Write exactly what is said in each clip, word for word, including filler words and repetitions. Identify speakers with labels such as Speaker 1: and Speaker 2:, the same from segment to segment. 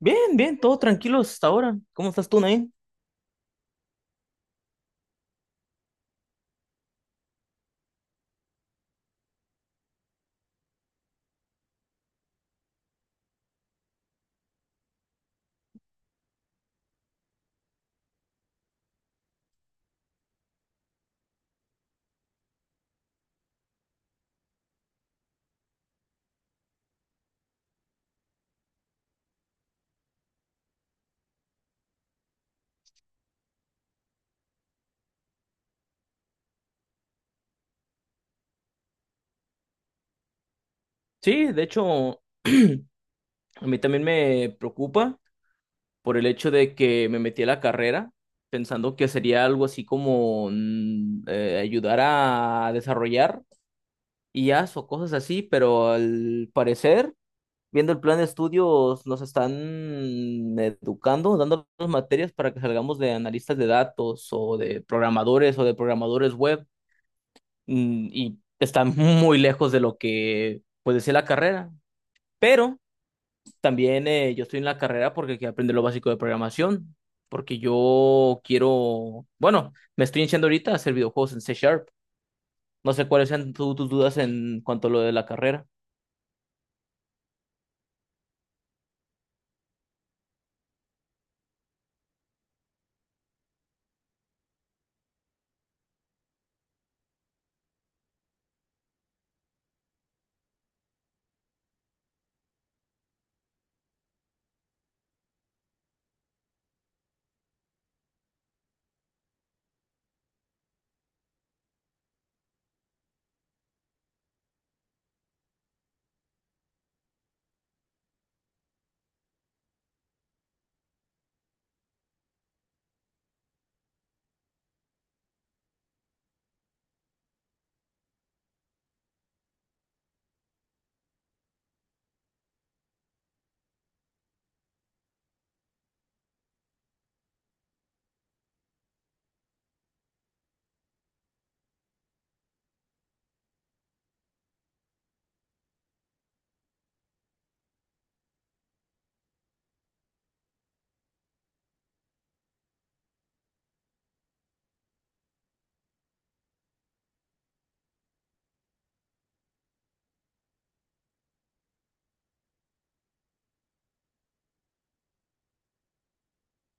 Speaker 1: Bien, bien, todo tranquilo hasta ahora. ¿Cómo estás tú, Nain? Sí, de hecho, a mí también me preocupa por el hecho de que me metí a la carrera pensando que sería algo así como mm, eh, ayudar a desarrollar I as o cosas así, pero al parecer, viendo el plan de estudios, nos están educando, dando las materias para que salgamos de analistas de datos o de programadores o de programadores web. mm, y está muy lejos de lo que puede ser la carrera. Pero también eh, yo estoy en la carrera porque quiero aprender lo básico de programación, porque yo quiero, bueno, me estoy iniciando ahorita a hacer videojuegos en C Sharp. No sé cuáles sean tu- tus dudas en cuanto a lo de la carrera.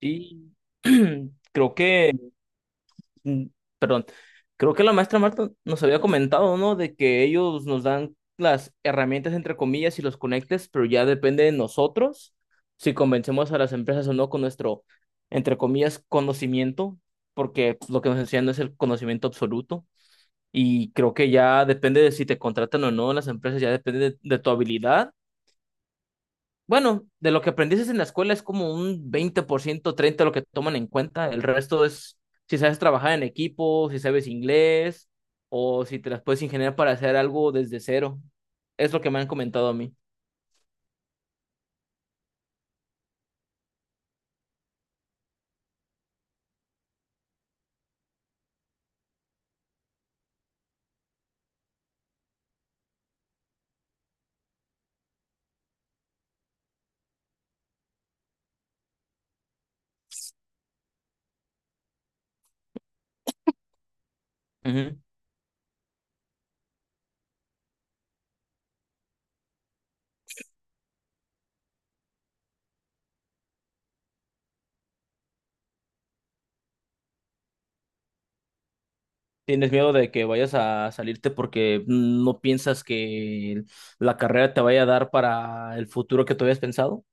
Speaker 1: Y creo que mm, perdón, creo que la maestra Marta nos había comentado, ¿no? De que ellos nos dan las herramientas, entre comillas, y los conectes, pero ya depende de nosotros si convencemos a las empresas o no con nuestro, entre comillas, conocimiento, porque lo que nos enseñan no es el conocimiento absoluto. Y creo que ya depende de si te contratan o no en las empresas, ya depende de de tu habilidad, bueno, de lo que aprendiste en la escuela es como un veinte por ciento, treinta por ciento lo que toman en cuenta. El resto es si sabes trabajar en equipo, si sabes inglés o si te las puedes ingeniar para hacer algo desde cero. Es lo que me han comentado a mí. Ujú. ¿Tienes miedo de que vayas a salirte porque no piensas que la carrera te vaya a dar para el futuro que tú habías pensado?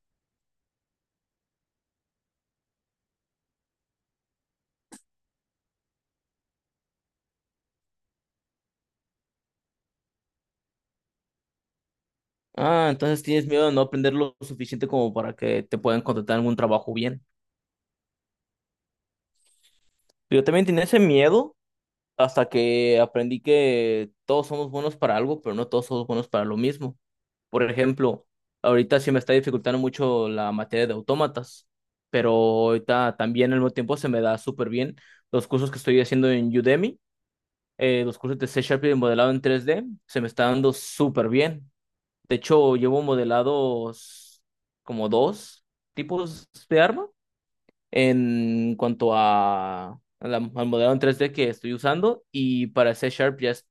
Speaker 1: Ah, entonces tienes miedo de no aprender lo suficiente como para que te puedan contratar en algún trabajo bien. Yo también tenía ese miedo hasta que aprendí que todos somos buenos para algo, pero no todos somos buenos para lo mismo. Por ejemplo, ahorita sí me está dificultando mucho la materia de autómatas, pero ahorita también al mismo tiempo se me da súper bien los cursos que estoy haciendo en Udemy, eh, los cursos de C Sharp y de modelado en tres d se me está dando súper bien. De hecho, llevo modelados como dos tipos de arma en cuanto a, a la- al modelo en tres d que estoy usando y para C Sharp ya es-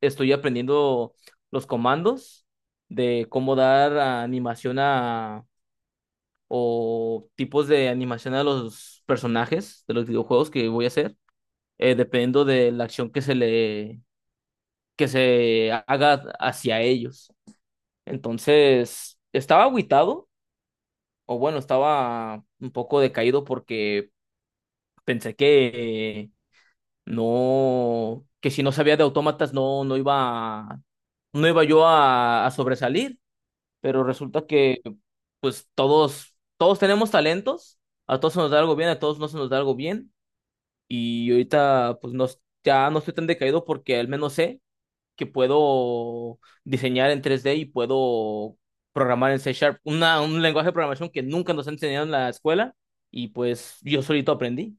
Speaker 1: estoy aprendiendo los comandos de cómo dar animación a o tipos de animación a los personajes de los videojuegos que voy a hacer, eh, dependiendo de la acción que se le que se haga hacia ellos. Entonces, estaba agüitado, o bueno, estaba un poco decaído porque pensé que no, que si no sabía de autómatas, no, no iba, no iba yo a, a sobresalir, pero resulta que pues todos, todos tenemos talentos, a todos se nos da algo bien, a todos no se nos da algo bien, y ahorita pues no, ya no estoy tan decaído porque al menos sé que puedo diseñar en tres d y puedo programar en C Sharp, una, un lenguaje de programación que nunca nos han enseñado en la escuela, y pues yo solito aprendí.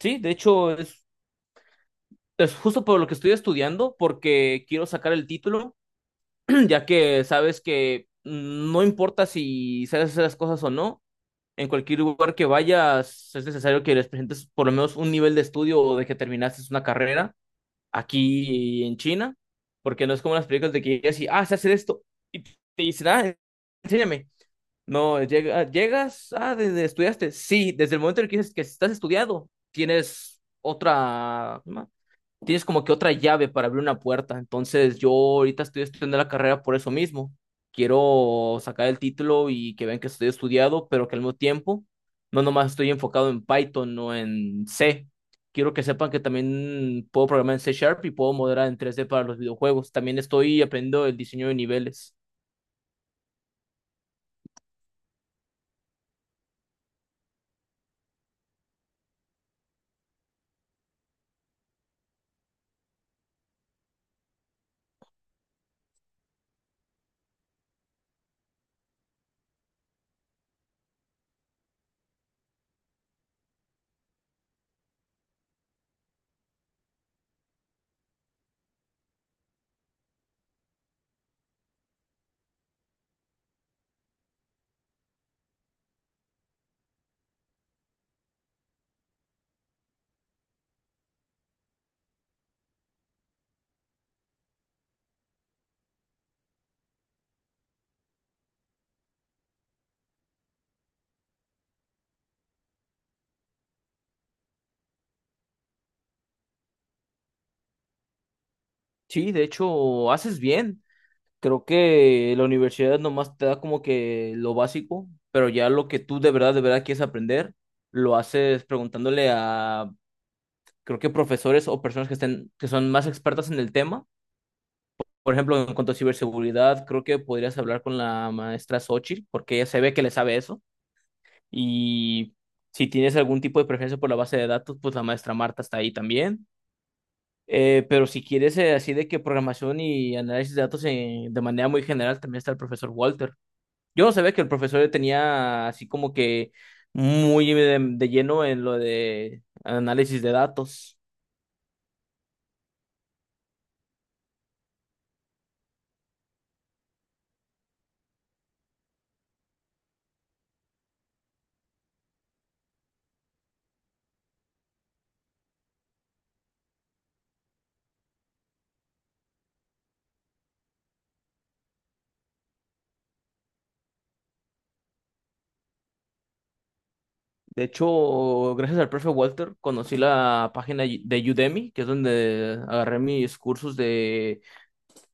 Speaker 1: Sí, de hecho es es justo por lo que estoy estudiando, porque quiero sacar el título, ya que sabes que no importa si sabes hacer las cosas o no, en cualquier lugar que vayas es necesario que les presentes por lo menos un nivel de estudio o de que terminaste una carrera aquí en China, porque no es como las películas de que llegas y, ah, sé hacer esto, y te dicen, ah, enséñame. No, llega, llegas, ah, desde estudiaste. Sí, desde el momento en el que dices que estás estudiado, tienes otra, tienes como que otra llave para abrir una puerta. Entonces, yo ahorita estoy estudiando la carrera por eso mismo. Quiero sacar el título y que vean que estoy estudiado, pero que al mismo tiempo no nomás estoy enfocado en Python o en C. Quiero que sepan que también puedo programar en C Sharp y puedo modelar en tres d para los videojuegos. También estoy aprendiendo el diseño de niveles. Sí, de hecho, haces bien. Creo que la universidad nomás te da como que lo básico, pero ya lo que tú de verdad, de verdad quieres aprender, lo haces preguntándole a, creo que profesores o personas que estén, que son más expertas en el tema. Por ejemplo, en cuanto a ciberseguridad, creo que podrías hablar con la maestra Xochitl, porque ella se ve que le sabe eso. Y si tienes algún tipo de preferencia por la base de datos, pues la maestra Marta está ahí también. Eh, pero si quieres eh, así de que programación y análisis de datos en- de manera muy general, también está el profesor Walter. Yo no sabía que el profesor tenía así como que muy de, de lleno en lo de análisis de datos. De hecho, gracias al profe Walter, conocí la página de Udemy, que es donde agarré mis cursos de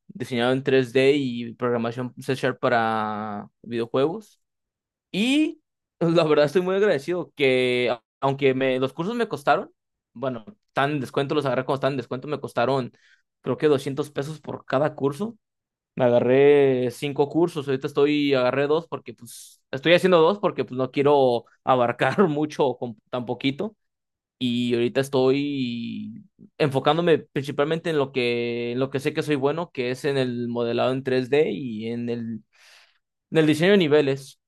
Speaker 1: diseñado en tres d y programación C Sharp para videojuegos. Y la verdad estoy muy agradecido que, a- aunque me, los cursos me costaron, bueno, tan en descuento, los agarré cuando estaban en descuento, me costaron creo que doscientos pesos por cada curso. Me agarré cinco cursos, ahorita estoy, agarré dos porque pues estoy haciendo dos porque pues no quiero abarcar mucho con tan poquito y ahorita estoy enfocándome principalmente en lo que, en lo que sé que soy bueno, que es en el modelado en tres d y en el, en el diseño de niveles.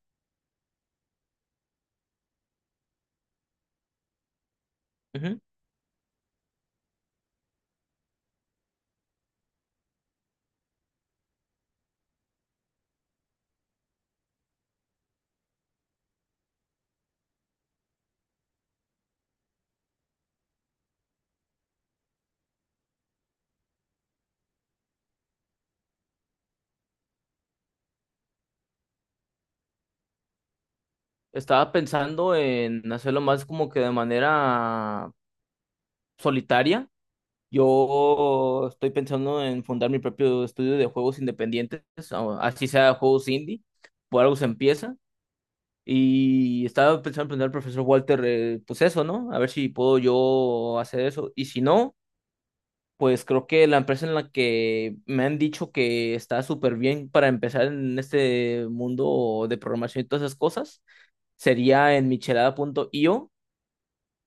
Speaker 1: Ujú. Estaba pensando en hacerlo más como que de manera solitaria. Yo estoy pensando en fundar mi propio estudio de juegos independientes, o así sea juegos indie, por algo se empieza. Y estaba pensando en preguntar al profesor Walter, eh, pues eso, ¿no? A ver si puedo yo hacer eso. Y si no, pues creo que la empresa en la que me han dicho que está súper bien para empezar en este mundo de programación y todas esas cosas, sería en Michelada punto michelada punto i o.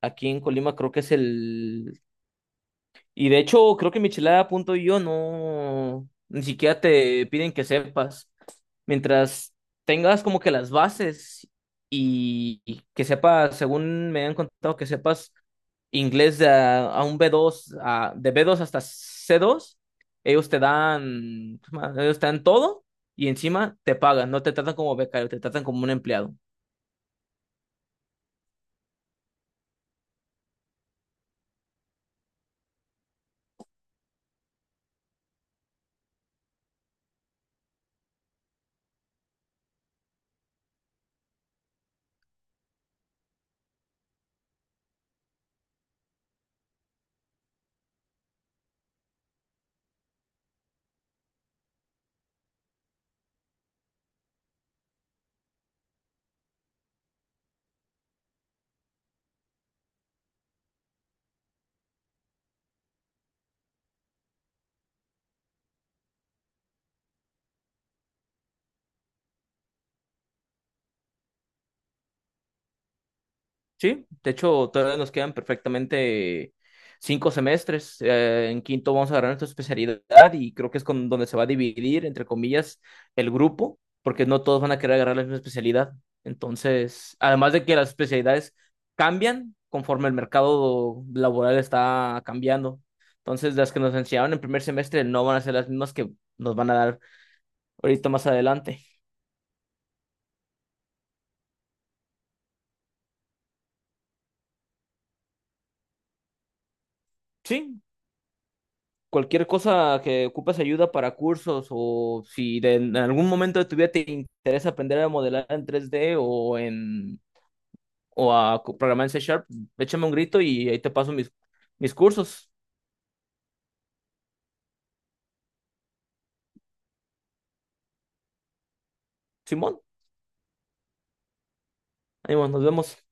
Speaker 1: Aquí en Colima creo que es el. Y de hecho, creo que michelada punto i o no, ni siquiera te piden que sepas. Mientras tengas como que las bases y, y que sepas, según me han contado, que sepas inglés de a, a un b dos a- de b dos hasta c dos, ellos te dan, ellos te dan todo y encima te pagan, no te tratan como becario, te tratan como un empleado. Sí, de hecho, todavía nos quedan perfectamente cinco semestres. Eh, en quinto vamos a agarrar nuestra especialidad y creo que es con donde se va a dividir, entre comillas, el grupo, porque no todos van a querer agarrar la misma especialidad. Entonces, además de que las especialidades cambian conforme el mercado laboral está cambiando. Entonces, las que nos enseñaron en primer semestre no van a ser las mismas que nos van a dar ahorita más adelante. Sí, cualquier cosa que ocupes ayuda para cursos o si de- en algún momento de tu vida te interesa aprender a modelar en tres d o en o a co- programar en C Sharp, échame un grito y ahí te paso mis, mis cursos. Simón, ahí nos vemos.